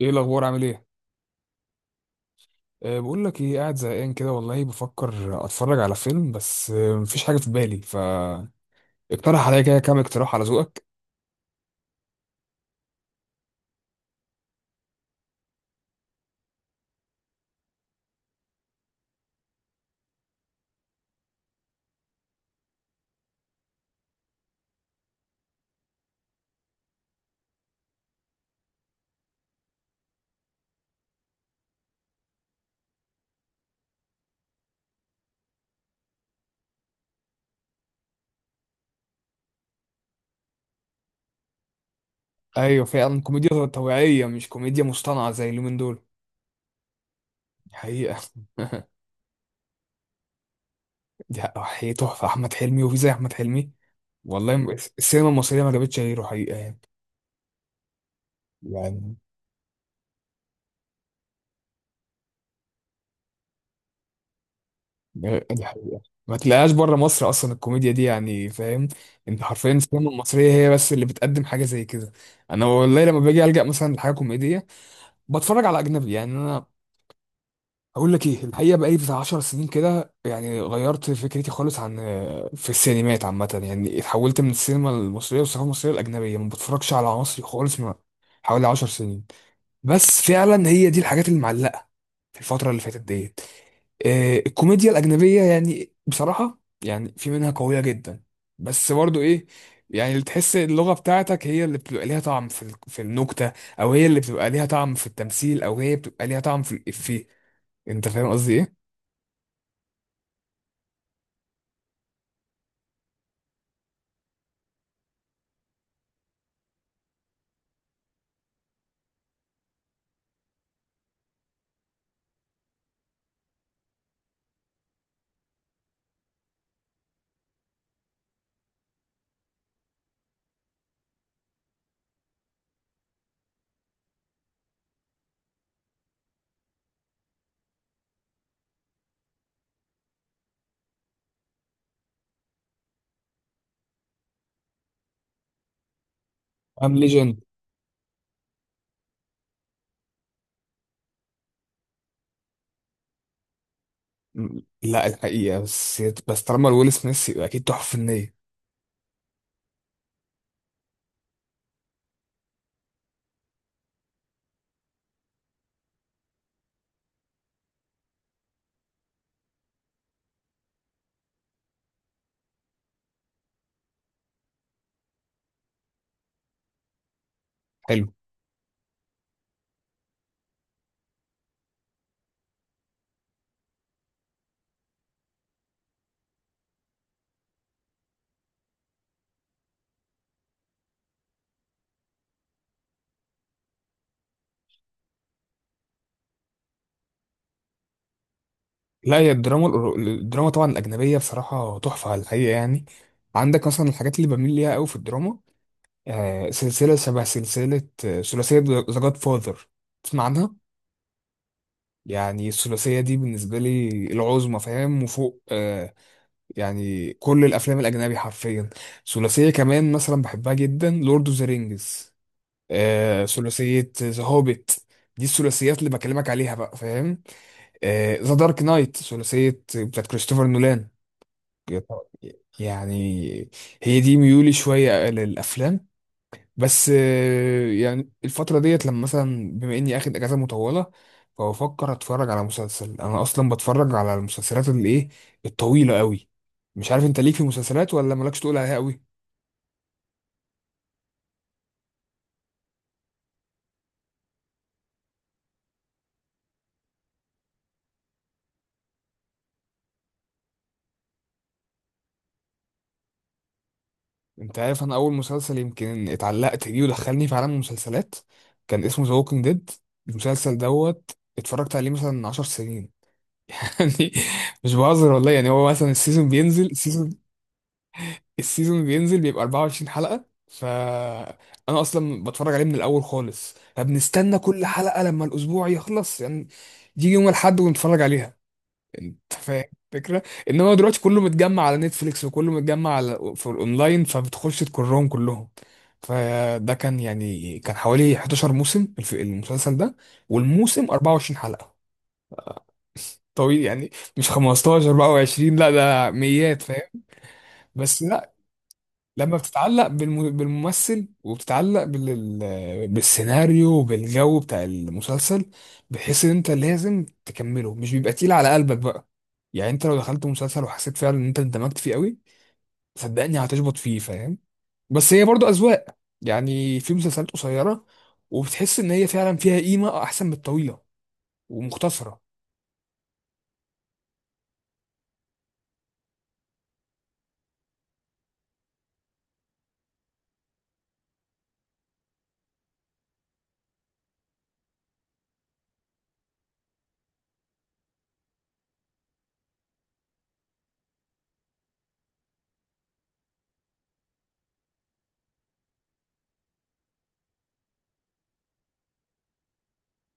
ايه الاخبار؟ عامل ايه؟ أه بقول لك ايه، قاعد زهقان كده والله، بفكر اتفرج على فيلم، بس أه مفيش حاجه في بالي، فاقترح عليا كده كام اقتراح على ذوقك. ايوه فعلا، كوميديا طبيعيه مش كوميديا مصطنعه زي اليومين دول. حقيقه. دي حقيقة تحفه، احمد حلمي وفي زي احمد حلمي؟ والله السينما المصريه ما جابتش غيره حقيقه يعني. يعني دي حقيقه، ما تلاقيهاش بره مصر اصلا الكوميديا دي، يعني فاهم؟ انت حرفيا السينما المصريه هي بس اللي بتقدم حاجه زي كده. انا والله لما باجي الجا مثلا لحاجه كوميديه بتفرج على اجنبي، يعني انا اقول لك ايه الحقيقه، بقالي بتاع 10 سنين كده، يعني غيرت فكرتي خالص عن في السينمات عامه. يعني اتحولت من السينما المصريه والثقافه المصريه الاجنبيه، ما بتفرجش على مصري خالص من حوالي 10 سنين. بس فعلا هي دي الحاجات اللي معلقه في الفترة اللي فاتت ديت. الكوميديا الأجنبية يعني بصراحة، يعني في منها قوية جدا، بس برضه إيه؟ يعني اللي تحس اللغة بتاعتك هي اللي بتبقى ليها طعم في في النكتة، أو هي اللي بتبقى ليها طعم في التمثيل، أو هي بتبقى ليها طعم في الإفيه. أنت فاهم قصدي إيه؟ أم ليجند. لا الحقيقة، بس طالما ويل سميث يبقى أكيد تحفة فنية. حلو. لا هي الدراما، الدراما طبعا الأجنبية بصراحة تحفة على الحقيقة يعني. عندك مثلا الحاجات اللي بميل ليها قوي في الدراما. سلسلة شبه سلسلة، ثلاثية ذا جاد فاذر. تسمع عنها؟ يعني الثلاثية دي بالنسبة لي العظمى فاهم، وفوق آه، يعني كل الأفلام الأجنبي حرفيا. ثلاثية كمان مثلا بحبها جدا، لورد اوف ذا رينجز، آه ثلاثية ذا هوبيت. دي الثلاثيات اللي بكلمك عليها بقى فاهم. ذا دارك نايت ثلاثية بتاعت كريستوفر نولان يعني. هي دي ميولي شوية للأفلام. بس يعني الفترة ديت لما مثلا بما اني اخد اجازة مطولة، فبفكر اتفرج على مسلسل. انا اصلا بتفرج على المسلسلات اللي ايه؟ الطويلة قوي. مش عارف انت ليك في مسلسلات ولا مالكش تقول عليها قوي؟ انت عارف انا اول مسلسل يمكن اتعلقت بيه ودخلني في عالم المسلسلات، كان اسمه ذا ووكينج ديد. المسلسل دوت اتفرجت عليه مثلا 10 سنين. يعني مش بهزر والله يعني. هو مثلا السيزون بينزل، السيزون بينزل بيبقى 24 حلقة، فأنا أصلا بتفرج عليه من الأول خالص، فبنستنى كل حلقة لما الأسبوع يخلص يعني. يجي يوم الأحد ونتفرج عليها. أنت فاهم الفكرة؟ إنما هو دلوقتي كله متجمع على نتفليكس وكله متجمع على في الأونلاين، فبتخش تكرهم كلهم. فده كان يعني كان حوالي 11 موسم، المسلسل ده، والموسم 24 حلقة. طويل يعني. مش 15، 24، لا ده ميات فاهم. بس لما بتتعلق بالممثل، وبتتعلق بالسيناريو وبالجو بتاع المسلسل، بحيث ان انت لازم تكمله، مش بيبقى تقيل على قلبك بقى. يعني انت لو دخلت مسلسل وحسيت فعلا ان انت اندمجت فيه قوي، صدقني هتشبط فيه فاهم. بس هي برضو اذواق، يعني في مسلسلات قصيرة وبتحس ان هي فعلا فيها قيمة احسن من الطويلة ومختصرة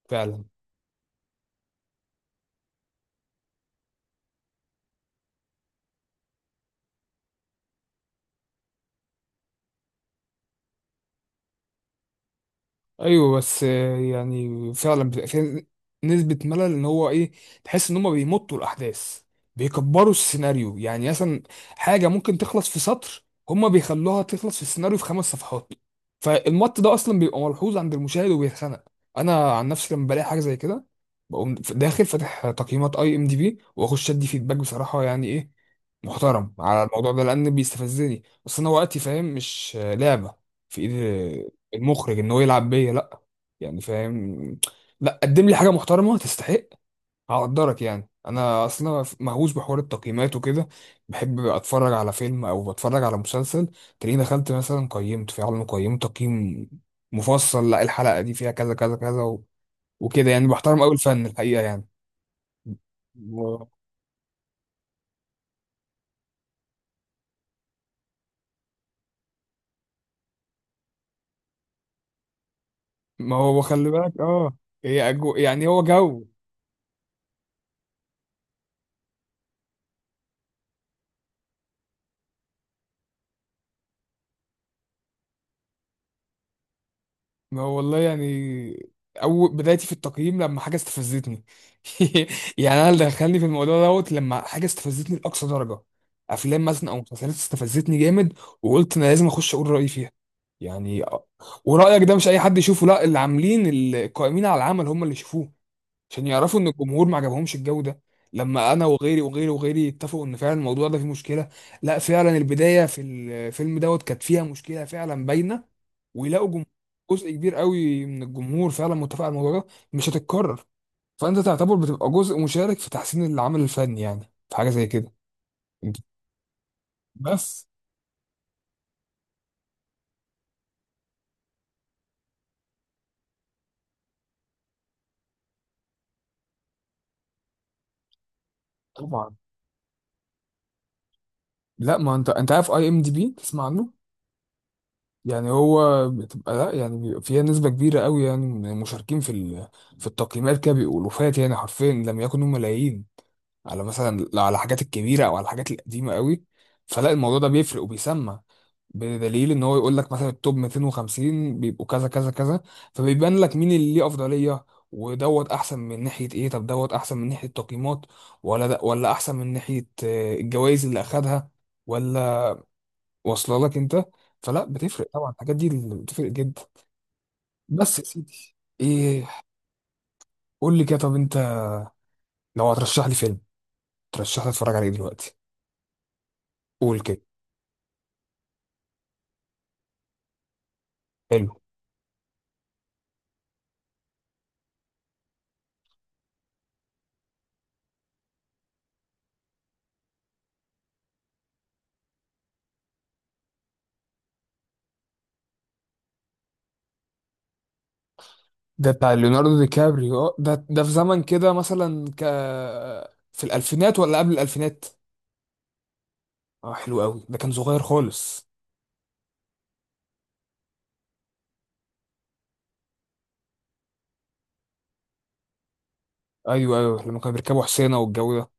فعلا. ايوه بس يعني فعلا بتبقى فيها نسبه ملل، ان هو ايه، تحس ان هم بيمطوا الاحداث، بيكبروا السيناريو. يعني مثلا حاجه ممكن تخلص في سطر هم بيخلوها تخلص في السيناريو في خمس صفحات. فالمط ده اصلا بيبقى ملحوظ عند المشاهد وبيتخنق. انا عن نفسي لما بلاقي حاجه زي كده بقوم داخل فاتح تقييمات اي ام دي بي واخش ادي فيدباك بصراحه. يعني ايه محترم على الموضوع ده لان بيستفزني، بس انا وقتي فاهم مش لعبه في ايدي المخرج ان هو يلعب بيا، لا يعني فاهم. لا قدم لي حاجه محترمه تستحق هقدرك يعني. انا اصلا مهووس بحوار التقييمات وكده، بحب اتفرج على فيلم او بتفرج على مسلسل، تلاقيني دخلت مثلا قيمت في عالم، قيمت تقييم مفصل. لا الحلقه دي فيها كذا كذا كذا وكده. يعني بحترم قوي الفن الحقيقه يعني. و- ما هو خلي بالك اه. هي يعني هو جو. ما هو والله يعني أول بدايتي في التقييم لما حاجة استفزتني. يعني أنا اللي دخلني في الموضوع دوت لما حاجة استفزتني لأقصى درجة. أفلام مثلا أو مسلسلات استفزتني جامد، وقلت أنا لازم أخش أقول رأيي فيها يعني. ورأيك ده مش أي حد يشوفه، لا اللي عاملين القائمين على العمل هم اللي يشوفوه، عشان يعرفوا ان الجمهور ما عجبهمش الجو ده. لما انا وغيري وغيري وغيري اتفقوا ان فعلا الموضوع ده فيه مشكله، لا فعلا البدايه في الفيلم دوت كانت فيها مشكله فعلا باينه. ويلاقوا جزء كبير قوي من الجمهور فعلا متفق على الموضوع ده، مش هتتكرر. فانت تعتبر بتبقى جزء مشارك في تحسين العمل الفني، يعني في حاجه زي كده. بس طبعا. لا ما انت عارف اي ام دي بي، تسمع عنه؟ يعني هو بتبقى لا يعني بيبقى فيها نسبة كبيرة قوي يعني من المشاركين في في التقييمات كده بيقولوا، فات يعني حرفيا لم يكونوا ملايين، على مثلا لا على الحاجات الكبيرة أو على الحاجات القديمة قوي. فلا الموضوع ده بيفرق وبيسمع. بدليل ان هو يقول لك مثلا التوب 250 بيبقوا كذا كذا كذا، فبيبان لك مين اللي ليه افضليه، ودوت احسن من ناحيه ايه، طب دوت احسن من ناحيه تقييمات ولا ده، ولا احسن من ناحيه الجوائز اللي اخدها، ولا واصله لك انت. فلا بتفرق طبعا الحاجات دي، اللي بتفرق جدا. بس يا سيدي. ايه، قول لي كده. طب انت لو هترشح لي فيلم، ترشح لي اتفرج عليه دلوقتي؟ قول كده. حلو. ده بتاع ليوناردو دي كابريو؟ اه ده في زمن كده مثلا، ك في الالفينات ولا قبل الالفينات؟ اه حلو قوي، ده كان صغير خالص. ايوه لما كانوا بيركبوا حسينه والجو ده.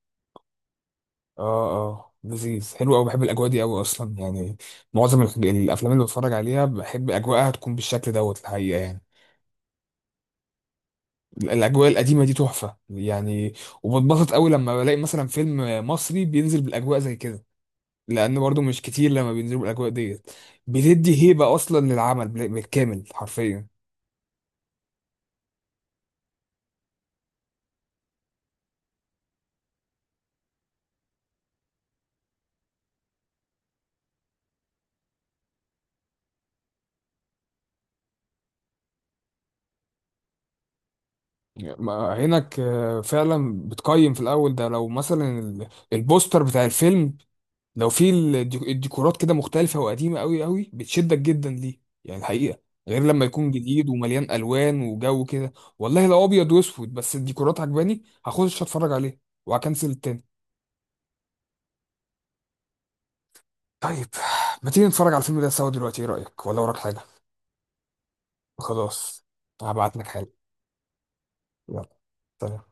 اه اه لذيذ، حلو قوي، بحب الاجواء دي قوي اصلا يعني. معظم الافلام اللي بتفرج عليها بحب اجواءها تكون بالشكل دوت الحقيقه يعني. الاجواء القديمه دي تحفه يعني. وبتبسط قوي لما بلاقي مثلا فيلم مصري بينزل بالاجواء زي كده، لان برضو مش كتير لما بينزلوا بالاجواء ديت، بتدي هيبه اصلا للعمل بالكامل حرفيا. عينك فعلا بتقيم في الاول ده لو مثلا البوستر بتاع الفيلم، لو في الديكورات كده مختلفة وقديمة قوي قوي، بتشدك جدا ليه يعني الحقيقة، غير لما يكون جديد ومليان ألوان وجو كده. والله لو أبيض وأسود بس الديكورات عجباني هخش أتفرج عليه وهكنسل التاني. طيب ما تيجي نتفرج على الفيلم ده سوا دلوقتي، إيه رأيك؟ ولا وراك حاجة؟ خلاص هبعت لك حاجة. يلا، سلام.